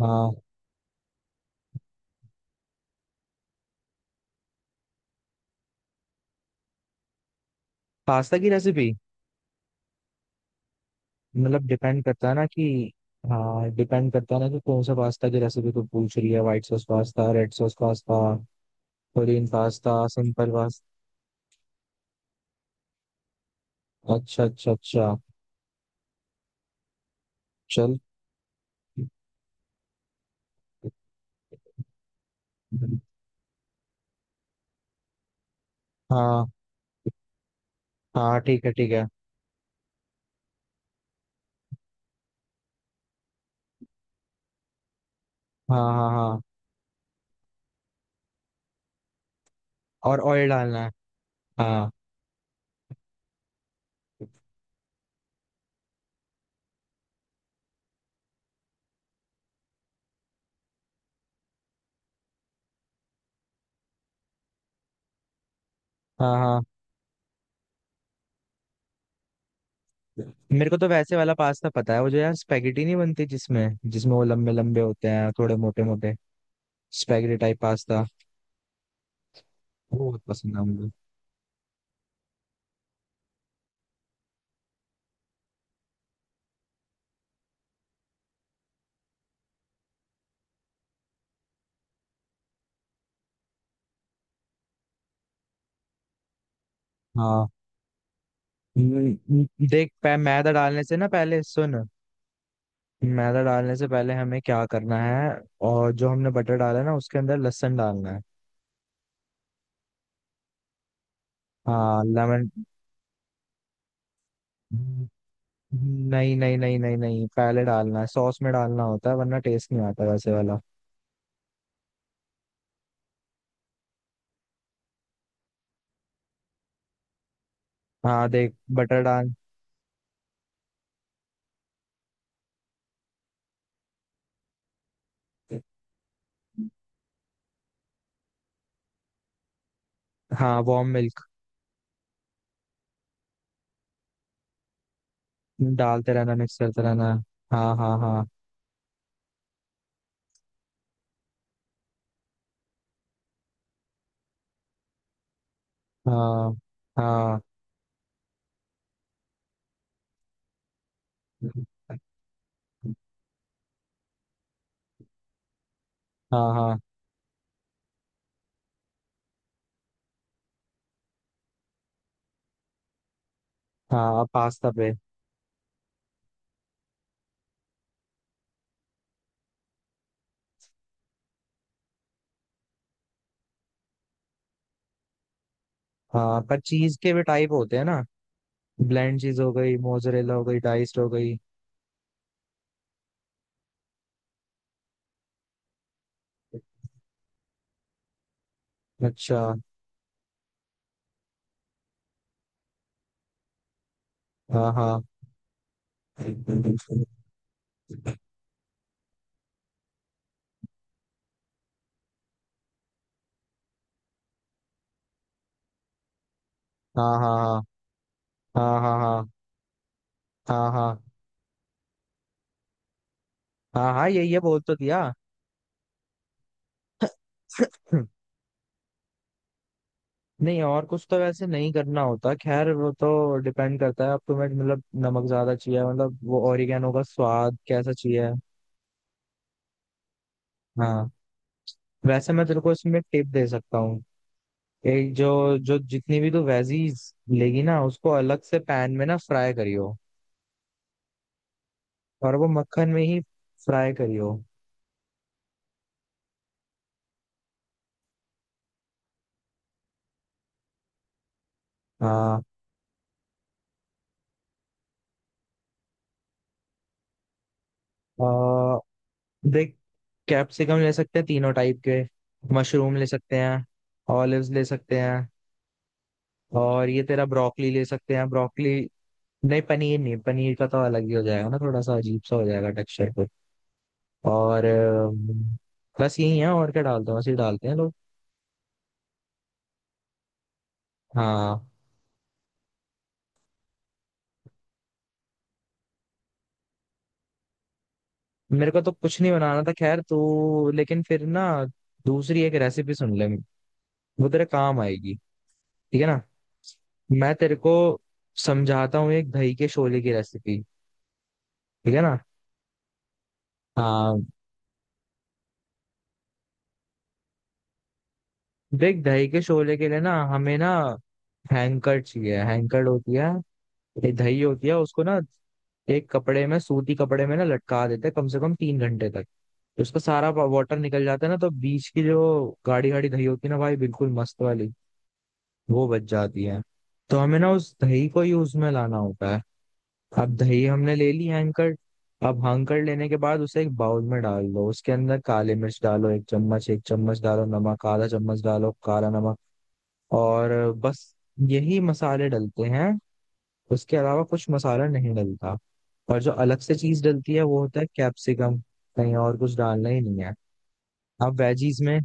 हाँ। पास्ता की रेसिपी। मतलब डिपेंड करता है ना कि हाँ डिपेंड करता है ना कि कौन सा पास्ता की रेसिपी तो पूछ रही है। White sauce pasta, red sauce pasta, plain pasta, simple pasta. अच्छा अच्छा अच्छा। चल। हाँ हाँ, ठीक है ठीक है। हाँ हाँ हाँ। और ऑयल डालना है। हाँ हाँ हाँ। मेरे को तो वैसे वाला पास्ता पता है, वो जो यार स्पेगेटी नहीं बनती जिसमें जिसमें वो लंबे लंबे होते हैं, थोड़े मोटे मोटे। Spaghetti type pasta. वो बहुत पसंद है मुझे। हाँ। देख मैदा डालने से ना पहले सुन। मैदा डालने से पहले हमें क्या करना है। और जो हमने बटर डाला है ना उसके अंदर लहसुन डालना है। हाँ लेमन। नहीं नहीं नहीं नहीं नहीं, पहले डालना है। सॉस में डालना होता है वरना टेस्ट नहीं आता वैसे वाला। हाँ देख बटर डाल। हाँ वार्म मिल्क। डालते रहना, मिक्स करते रहना। हाँ हाँ हाँ। हाँ हाँ। हाँ हाँ हाँ हाँ, पास्ता पे। हाँ पर चीज के भी टाइप होते हैं ना। ब्लेंड चीज हो गई, मोजरेला हो गई, डाइस्ड हो गई। अच्छा। हाँ हाँ हाँ हाँ। हाँ हाँ हाँ हाँ। हाँ हाँ। हाँ हाँ, यही है बोल तो दिया। हम्म। नहीं और कुछ तो वैसे नहीं करना होता। खैर वो तो डिपेंड करता है अब तुम्हें, मतलब नमक ज्यादा चाहिए, मतलब वो ओरिगेनो का स्वाद कैसा चाहिए। हाँ। वैसे मैं तेरे को इसमें टिप दे सकता हूँ। एक जो जो जितनी भी तू वेजीज लेगी ना उसको अलग से पैन में ना फ्राई करियो। और वो मक्खन में ही फ्राई करियो। हाँ। आ, देख कैप्सिकम ले सकते हैं तीनों टाइप के। मशरूम ले सकते हैं। ऑलिव्स ले सकते हैं। और ये तेरा ब्रोकली ले सकते हैं, ब्रोकली। नहीं पनीर नहीं, पनीर का तो अलग ही हो जाएगा ना, थोड़ा सा अजीब सा हो जाएगा टेक्सचर पे। और बस यही है। और क्या डालते हैं, बस ये डालते हैं लोग। हाँ। मेरे को तो कुछ नहीं बनाना था, खैर तो। लेकिन फिर ना दूसरी एक रेसिपी सुन ले, वो तेरे काम आएगी। ठीक है ना। मैं तेरे को समझाता हूँ एक दही के शोले की रेसिपी। ठीक है ना। हाँ देख दही के शोले के लिए ना हमें ना हैंकर चाहिए। हैंकर होती है, ये दही होती है उसको ना एक कपड़े में सूती कपड़े में ना लटका देते हैं कम से कम 3 घंटे तक। तो उसका सारा वाटर निकल जाता है ना, तो बीच की जो गाढ़ी गाढ़ी दही होती है ना भाई बिल्कुल मस्त वाली, वो बच जाती है। तो हमें ना उस दही को ही उसमें लाना होता है। अब दही हमने ले ली, हैंकर। अब हैंकर लेने के बाद उसे एक बाउल में डाल दो, उसके अंदर काली मिर्च डालो, एक चम्मच डालो, नमक आधा चम्मच डालो, काला नमक। और बस यही मसाले डलते हैं, उसके अलावा कुछ मसाला नहीं डलता। और जो अलग से चीज डलती है वो होता है कैप्सिकम। कहीं और कुछ डालना ही नहीं है। अब वेजीज में,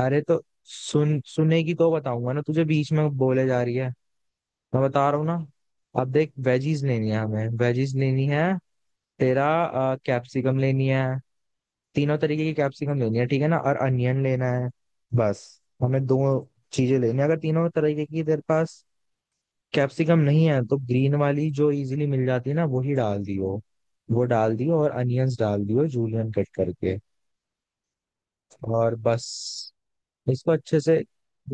अरे तो सुन, सुनेगी तो बताऊंगा ना तुझे, बीच में बोले जा रही है। मैं बता रहा हूँ ना। अब देख वेजीज लेनी है, हमें वेजीज लेनी है तेरा। कैप्सिकम लेनी है, तीनों तरीके की कैप्सिकम लेनी है ठीक है ना, और अनियन लेना है। बस हमें दो चीजें लेनी है। अगर तीनों तरीके की तेरे पास कैप्सिकम नहीं है तो ग्रीन वाली जो इजीली मिल जाती है ना वही डाल दियो। वो डाल दियो और अनियंस डाल दियो, जूलियन कट करके। और बस इसको अच्छे से,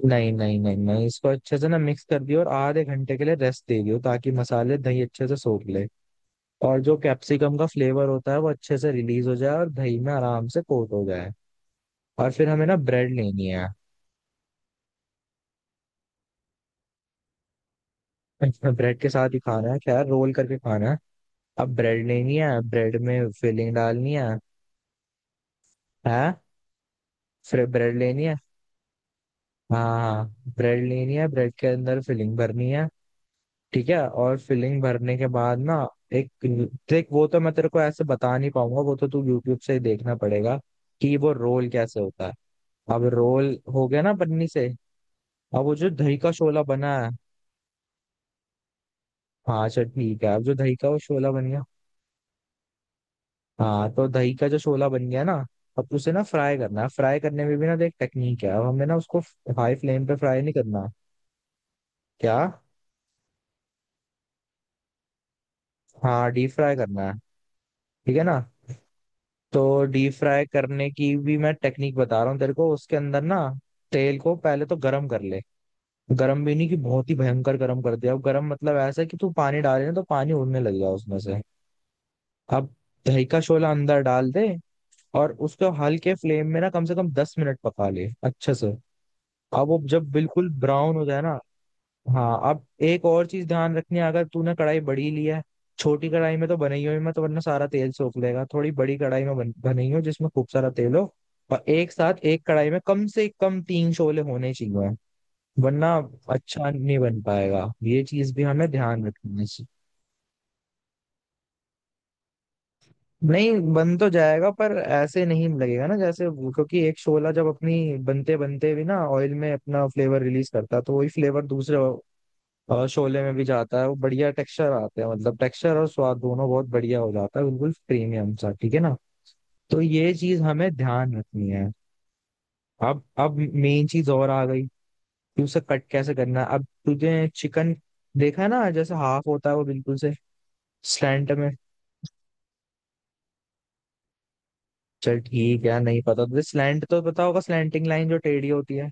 नहीं नहीं नहीं नहीं, इसको अच्छे से ना मिक्स कर दियो और आधे घंटे के लिए रेस्ट दे दियो ताकि मसाले दही अच्छे से सोख ले। और जो कैप्सिकम का फ्लेवर होता है वो अच्छे से रिलीज हो जाए और दही में आराम से कोट हो जाए। और फिर हमें ना ब्रेड लेनी है। ब्रेड के साथ ही खाना है खैर, रोल करके खाना है। अब ब्रेड लेनी है, ब्रेड में फिलिंग डालनी है। है। फिर ब्रेड लेनी है। हाँ हाँ, हाँ। ब्रेड लेनी है, ब्रेड के अंदर फिलिंग भरनी है। ठीक है। और फिलिंग भरने के बाद ना एक, देख वो तो मैं तेरे को ऐसे बता नहीं पाऊंगा, वो तो तू यूट्यूब से ही देखना पड़ेगा कि वो रोल कैसे होता है। अब रोल हो गया ना पन्नी से। अब वो जो दही का शोला बना है। हाँ अच्छा ठीक है, अब जो दही का वो शोला बन गया। हाँ तो दही का जो शोला बन गया ना, अब उसे ना फ्राई करना है। फ्राई करने में भी ना देख टेक्निक है। अब हमें ना उसको हाई फ्लेम पे फ्राई नहीं करना। क्या। हाँ डीप फ्राई करना है। ठीक है ना। तो डीप फ्राई करने की भी मैं टेक्निक बता रहा हूँ तेरे को। उसके अंदर ना तेल को पहले तो गरम कर ले। गरम भी नहीं कि बहुत ही भयंकर गरम कर दिया, अब गरम मतलब ऐसा कि तू पानी डाले ना तो पानी उड़ने लग जाए उसमें से। अब दही का शोला अंदर डाल दे और उसको हल्के फ्लेम में ना कम से कम 10 मिनट पका ले अच्छे से। अब वो जब बिल्कुल ब्राउन हो जाए ना। हाँ अब एक और चीज ध्यान रखनी है, अगर तूने कढ़ाई बड़ी ली है। छोटी कढ़ाई में तो बनाई हुई मत, वरना सारा तेल सोख लेगा। थोड़ी बड़ी कढ़ाई में बनाई हो जिसमें खूब सारा तेल हो। और एक साथ एक कढ़ाई में कम से कम तीन शोले होने चाहिए, वरना अच्छा नहीं बन पाएगा। ये चीज भी हमें ध्यान रखना है नहीं बन तो जाएगा पर ऐसे नहीं लगेगा ना जैसे क्योंकि एक शोला जब अपनी बनते बनते भी ना ऑयल में अपना फ्लेवर रिलीज करता है, तो वही फ्लेवर दूसरे और शोले में भी जाता है। वो बढ़िया टेक्सचर आते हैं, मतलब टेक्सचर और स्वाद दोनों बहुत बढ़िया हो जाता है, बिल्कुल प्रीमियम सा। ठीक है ना। तो ये चीज हमें ध्यान रखनी है। अब मेन चीज और आ गई कि उसे कट कैसे करना है। अब तुझे चिकन देखा है ना, जैसे हाफ होता है, वो बिल्कुल से स्लैंट में। चल ठीक है, नहीं पता तुझे, स्लैंट तो पता होगा, स्लैंटिंग लाइन जो टेढ़ी होती है।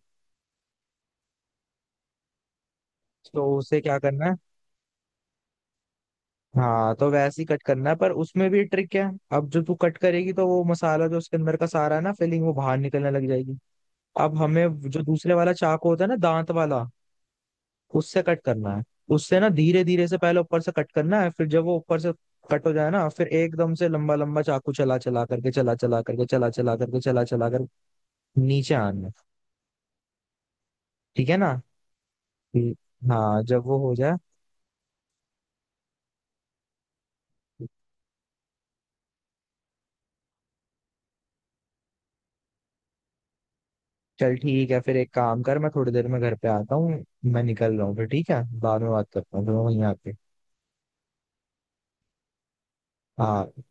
तो उसे क्या करना है। हाँ तो वैसे ही कट करना है पर उसमें भी ट्रिक है। अब जो तू कट करेगी तो वो मसाला जो उसके अंदर का सारा है ना फिलिंग, वो बाहर निकलने लग जाएगी। अब हमें जो दूसरे वाला चाकू होता है ना, दांत वाला, उससे कट करना है। उससे ना धीरे धीरे से पहले ऊपर से कट करना है। फिर जब वो ऊपर से कट हो जाए ना, फिर एकदम से लंबा लंबा चाकू चला चला करके चला चला करके चला चला करके चला चला कर नीचे आना है। ठीक है ना। ठीक। हाँ जब वो हो जाए। चल ठीक है, फिर एक काम कर, मैं थोड़ी देर में घर पे आता हूँ। मैं निकल रहा हूँ फिर, ठीक है बाद में बात करता हूँ, फिर मैं वहीं आके। हाँ।